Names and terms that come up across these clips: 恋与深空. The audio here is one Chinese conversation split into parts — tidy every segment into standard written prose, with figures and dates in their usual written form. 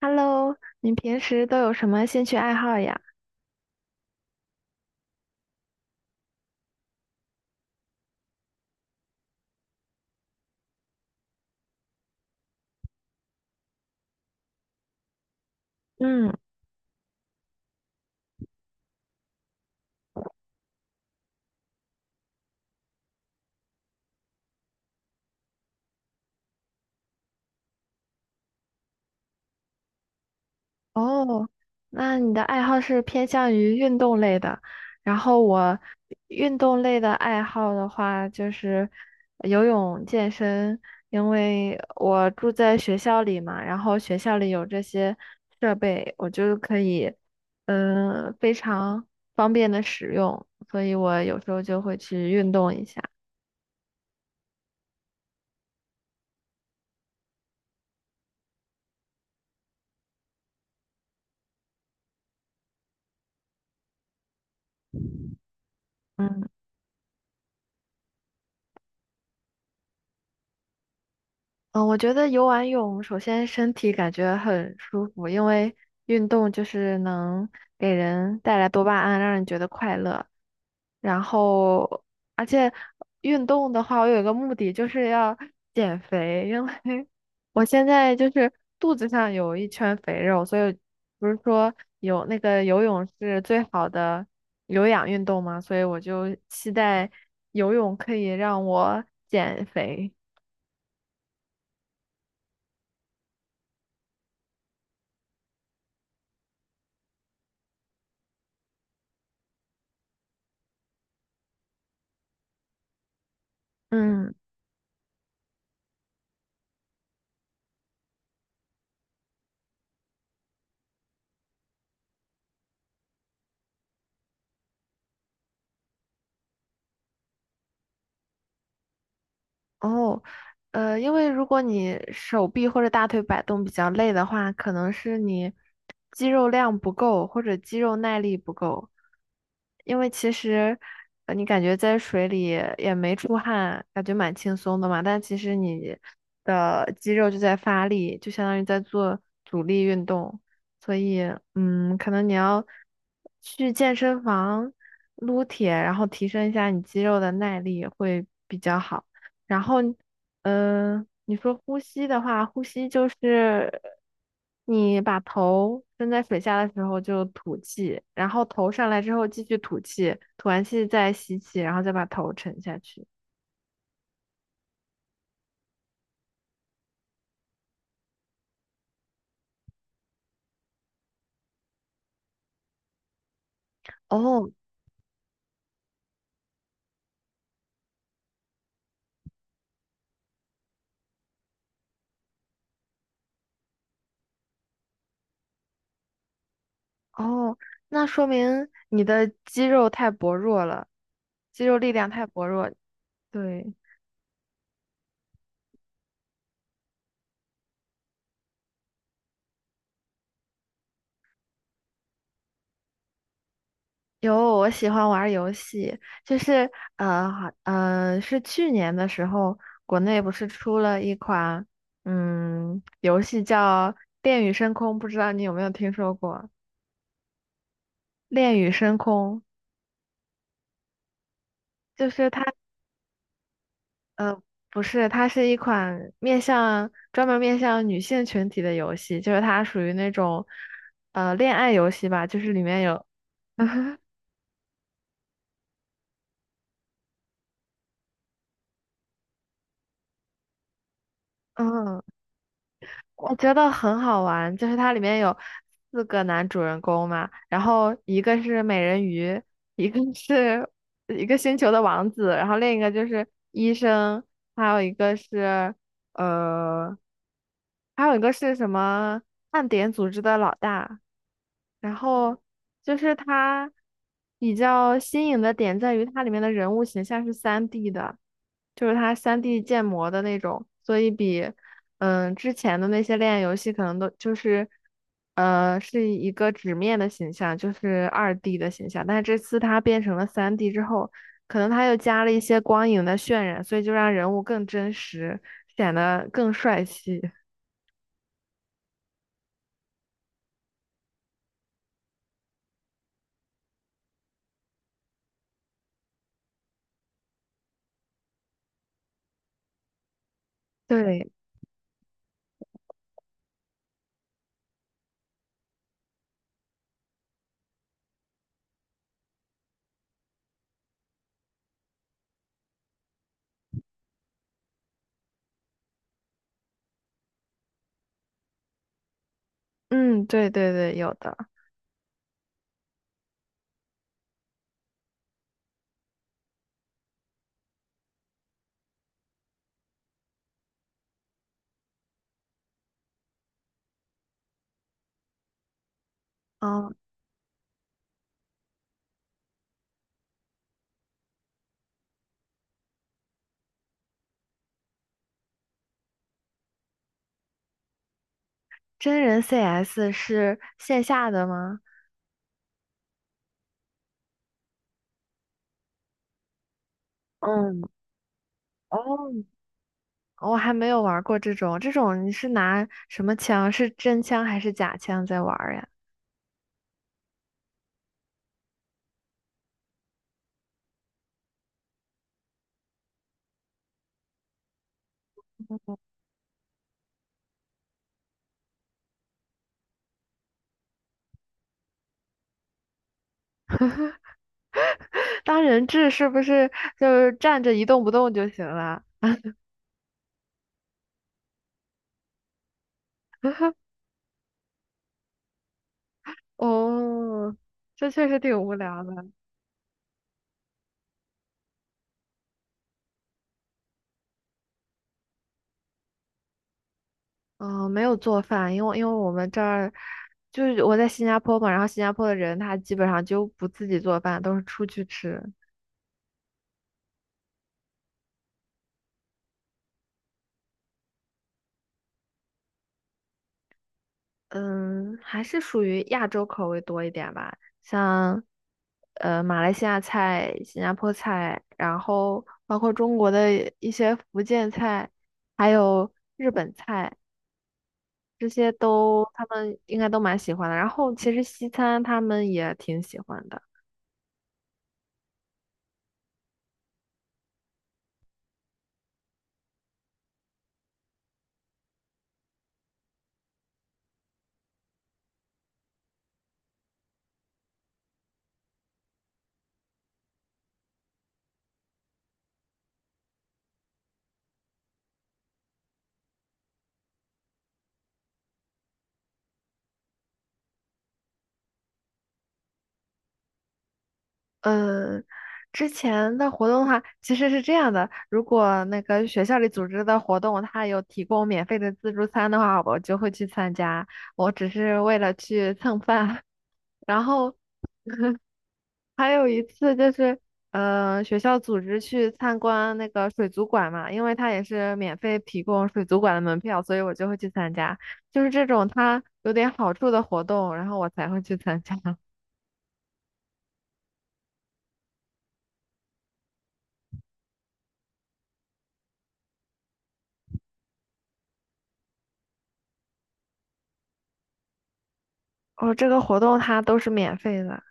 Hello,你平时都有什么兴趣爱好呀？嗯，哦，那你的爱好是偏向于运动类的，然后我运动类的爱好的话就是游泳、健身。因为我住在学校里嘛，然后学校里有这些设备，我就可以，嗯、非常方便的使用，所以我有时候就会去运动一下。嗯，嗯，我觉得游完泳，首先身体感觉很舒服，因为运动就是能给人带来多巴胺，让人觉得快乐。然后，而且运动的话，我有一个目的就是要减肥，因为 我现在就是肚子上有一圈肥肉，所以不是说有那个游泳是最好的有氧运动嘛，所以我就期待游泳可以让我减肥。嗯。哦，因为如果你手臂或者大腿摆动比较累的话，可能是你肌肉量不够或者肌肉耐力不够。因为其实，你感觉在水里也没出汗，感觉蛮轻松的嘛。但其实你的肌肉就在发力，就相当于在做阻力运动。所以，嗯，可能你要去健身房撸铁，然后提升一下你肌肉的耐力会比较好。然后，嗯、呃你说呼吸的话，呼吸就是你把头伸在水下的时候就吐气，然后头上来之后继续吐气，吐完气再吸气，然后再把头沉下去。哦，哦，那说明你的肌肉太薄弱了，肌肉力量太薄弱。对。有，我喜欢玩儿游戏，就是是去年的时候，国内不是出了一款嗯游戏叫《恋与深空》，不知道你有没有听说过？《恋与深空》就是它，呃，不是，它是一款面向专门面向女性群体的游戏，就是它属于那种恋爱游戏吧，就是里面有 嗯我觉得很好玩，就是它里面有四个男主人公嘛。然后一个是美人鱼，一个是一个星球的王子，然后另一个就是医生，还有一个是呃，还有一个是什么暗点组织的老大。然后就是他比较新颖的点在于它里面的人物形象是三 d 的，就是它三 d 建模的那种。所以比嗯之前的那些恋爱游戏可能都就是是一个纸面的形象，就是二 D 的形象。但是这次它变成了三 D 之后，可能它又加了一些光影的渲染，所以就让人物更真实，显得更帅气。对，嗯，对对对，有的。哦，真人 CS 是线下的吗？嗯，哦，我还没有玩过这种，这种你是拿什么枪？是真枪还是假枪在玩儿呀？当人质是不是就是站着一动不动就行了？哦，这确实挺无聊的。嗯，没有做饭，因为我们这儿就是我在新加坡嘛，然后新加坡的人他基本上就不自己做饭，都是出去吃。嗯，还是属于亚洲口味多一点吧。像马来西亚菜、新加坡菜，然后包括中国的一些福建菜，还有日本菜，这些都他们应该都蛮喜欢的。然后其实西餐他们也挺喜欢的。呃，之前的活动的话，其实是这样的。如果那个学校里组织的活动，它有提供免费的自助餐的话，我就会去参加，我只是为了去蹭饭。然后还有一次就是，学校组织去参观那个水族馆嘛，因为它也是免费提供水族馆的门票，所以我就会去参加。就是这种它有点好处的活动，然后我才会去参加。哦，这个活动它都是免费的。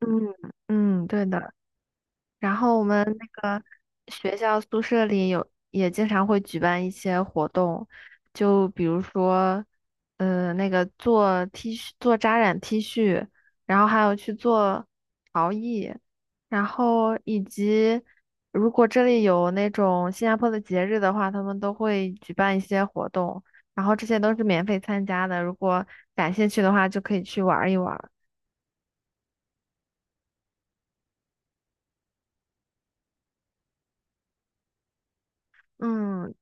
嗯，嗯，对的。然后我们那个学校宿舍里有也经常会举办一些活动，就比如说，那个做 T 恤、做扎染 T 恤，然后还有去做陶艺，然后以及如果这里有那种新加坡的节日的话，他们都会举办一些活动，然后这些都是免费参加的。如果感兴趣的话，就可以去玩儿一玩儿。嗯，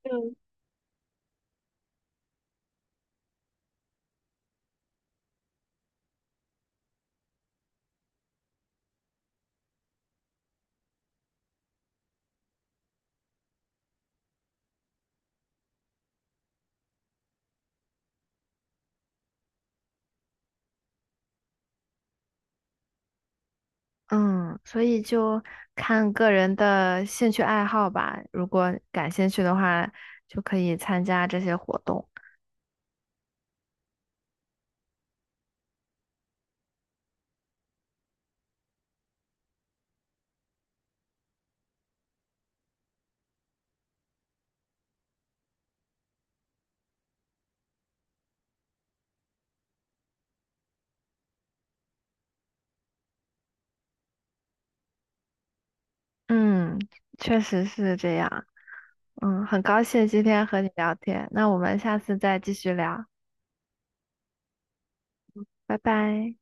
嗯，所以就看个人的兴趣爱好吧。如果感兴趣的话，就可以参加这些活动。嗯，确实是这样。嗯，很高兴今天和你聊天，那我们下次再继续聊，拜拜。